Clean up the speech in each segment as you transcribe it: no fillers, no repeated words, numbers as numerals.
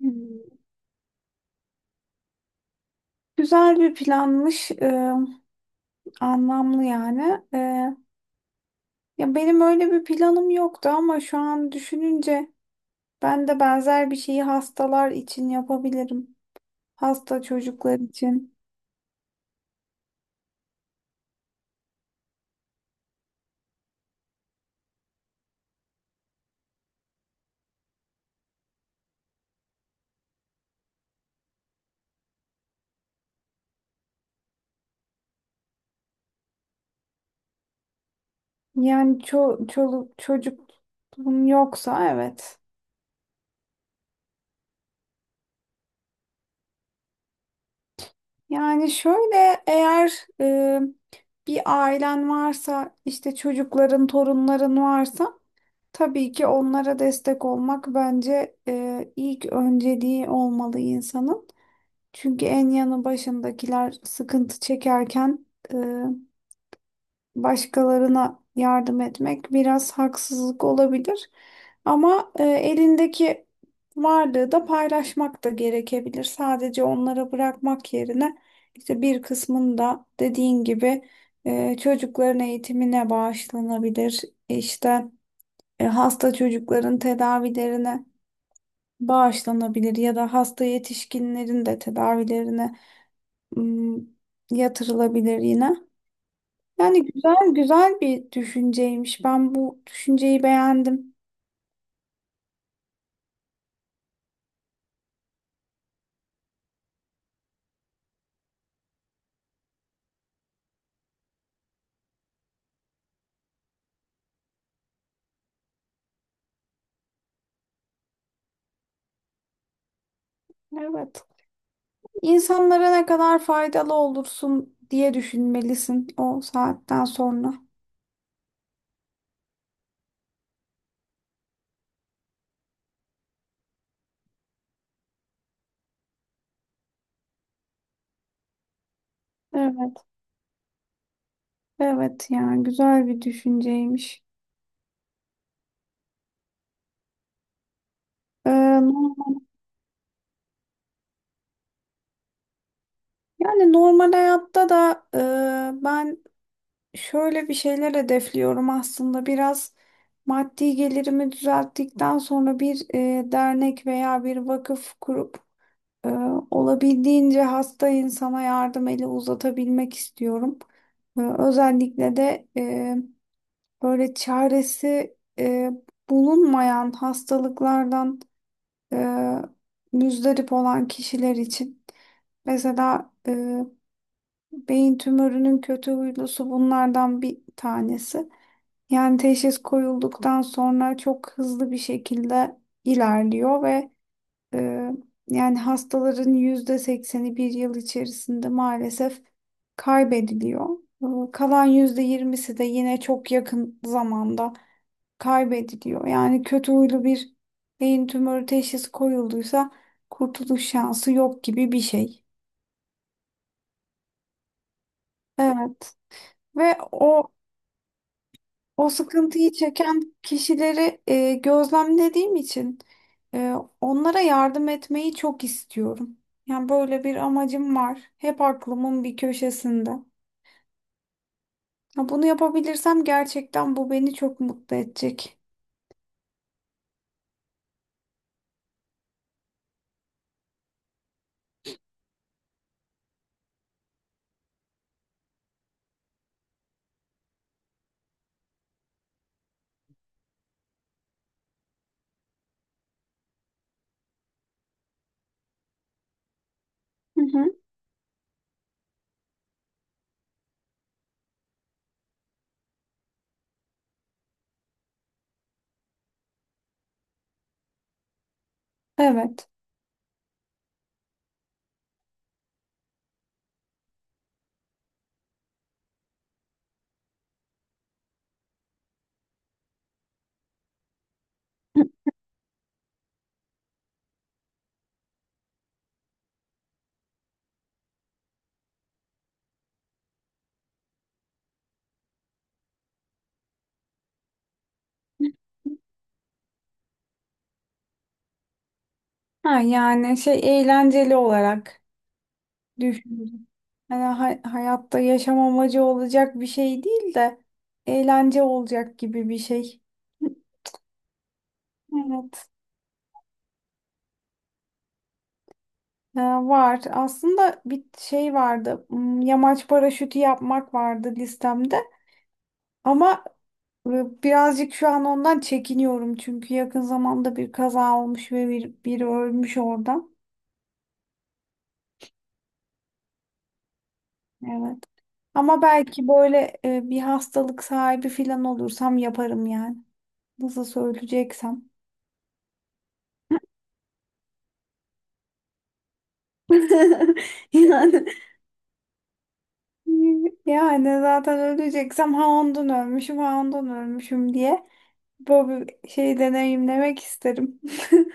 Hmm. Güzel bir planmış, anlamlı yani. Ya benim öyle bir planım yoktu ama şu an düşününce ben de benzer bir şeyi hastalar için yapabilirim. Hasta çocuklar için. Yani çoluk çocuk yoksa evet. Yani şöyle eğer e, bir ailen varsa işte çocukların, torunların varsa. Tabii ki onlara destek olmak bence ilk önceliği olmalı insanın. Çünkü en yanı başındakiler sıkıntı çekerken e, başkalarına yardım etmek biraz haksızlık olabilir. Ama elindeki varlığı da paylaşmak da gerekebilir. Sadece onlara bırakmak yerine işte bir kısmını da dediğin gibi çocukların eğitimine bağışlanabilir. İşte hasta çocukların tedavilerine bağışlanabilir ya da hasta yetişkinlerin de tedavilerine ım, yatırılabilir yine. Yani güzel güzel bir düşünceymiş. Ben bu düşünceyi beğendim. Evet. İnsanlara ne kadar faydalı olursun diye düşünmelisin o saatten sonra. Evet, evet yani güzel bir düşünceymiş. Ee, normal- yani normal hayatta da ben şöyle bir şeyler hedefliyorum aslında biraz maddi gelirimi düzelttikten sonra bir dernek veya bir vakıf kurup e, olabildiğince hasta insana yardım eli uzatabilmek istiyorum. Özellikle de böyle çaresi bulunmayan hastalıklardan e, müzdarip olan kişiler için. Mesela beyin tümörünün kötü huylusu bunlardan bir tanesi. Yani teşhis koyulduktan sonra çok hızlı bir şekilde ilerliyor ve e, yani hastaların yüzde sekseni bir yıl içerisinde maalesef kaybediliyor. Kalan yüzde yirmisi de yine çok yakın zamanda kaybediliyor. Yani kötü huylu bir beyin tümörü teşhisi koyulduysa kurtuluş şansı yok gibi bir şey. Evet ve o sıkıntıyı çeken kişileri gözlemlediğim için e, onlara yardım etmeyi çok istiyorum. Yani böyle bir amacım var. Hep aklımın bir köşesinde. Ya bunu yapabilirsem gerçekten bu beni çok mutlu edecek. Hı hı. Evet. Ha, yani şey eğlenceli olarak düşünüyorum. Yani hayatta yaşam amacı olacak bir şey değil de eğlence olacak gibi bir şey. Evet. Var. Aslında bir şey vardı. Yamaç paraşütü yapmak vardı listemde. Ama birazcık şu an ondan çekiniyorum. Çünkü yakın zamanda bir kaza olmuş ve biri ölmüş orada. Evet. Ama belki böyle bir hastalık sahibi falan olursam yaparım yani. Nasıl söyleyeceksem. Yani Yani zaten öleceksem ha ondan ölmüşüm ha ondan ölmüşüm diye. Bu şeyi deneyimlemek isterim.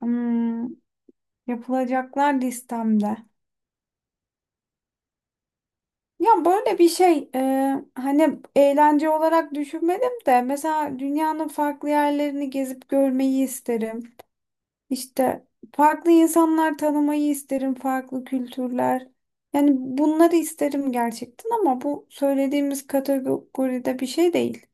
Hmm, yapılacaklar listemde. Ya böyle bir şey hani eğlence olarak düşünmedim de mesela dünyanın farklı yerlerini gezip görmeyi isterim. İşte farklı insanlar tanımayı isterim, farklı kültürler. Yani bunları isterim gerçekten ama bu söylediğimiz kategoride bir şey değil.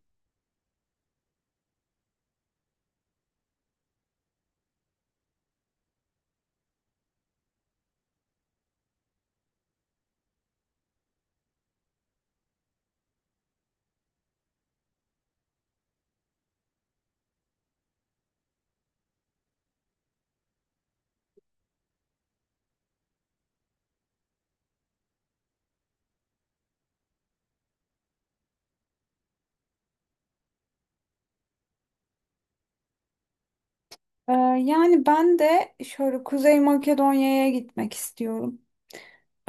Ee, yani ben de şöyle Kuzey Makedonya'ya gitmek istiyorum.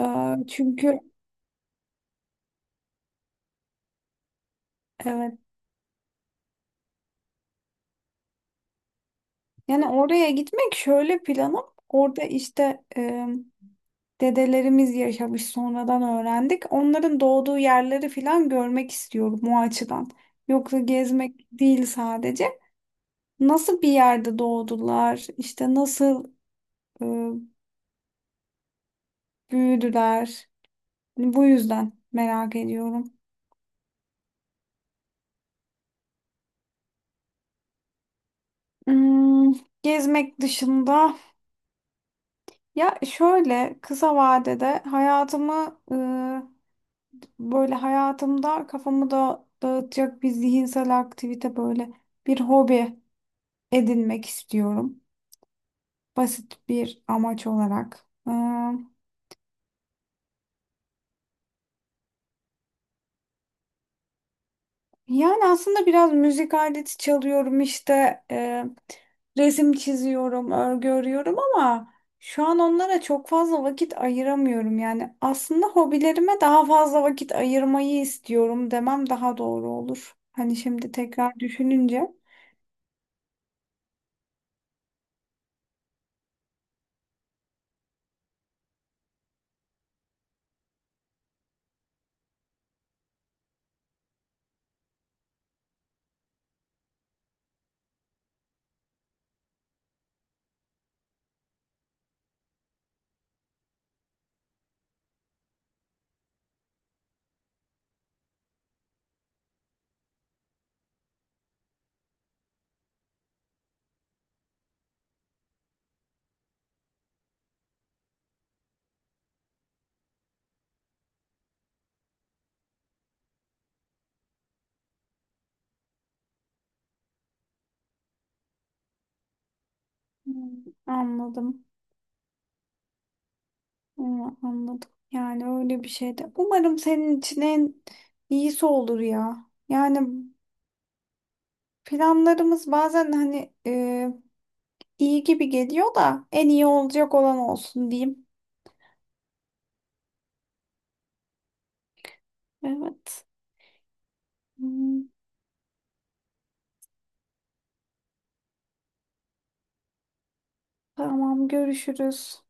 Çünkü. Evet. Yani oraya gitmek şöyle planım. Orada işte dedelerimiz yaşamış sonradan öğrendik. Onların doğduğu yerleri falan görmek istiyorum o açıdan. Yoksa gezmek değil sadece. Nasıl bir yerde doğdular, işte nasıl e, büyüdüler. Hani bu yüzden merak ediyorum. Hmm, gezmek dışında ya şöyle kısa vadede hayatımı böyle hayatımda kafamı da dağıtacak bir zihinsel aktivite böyle bir hobi edinmek istiyorum. Basit bir amaç olarak. Yani aslında biraz müzik aleti çalıyorum işte resim çiziyorum, örgü örüyorum ama şu an onlara çok fazla vakit ayıramıyorum. Yani aslında hobilerime daha fazla vakit ayırmayı istiyorum demem daha doğru olur. Hani şimdi tekrar düşününce. Hmm, Anladım. Hı, anladım. Yani öyle bir şey de. Umarım senin için en iyisi olur ya. Yani planlarımız bazen hani iyi gibi geliyor da en iyi olacak olan olsun diyeyim. Evet. Hı, tamam görüşürüz.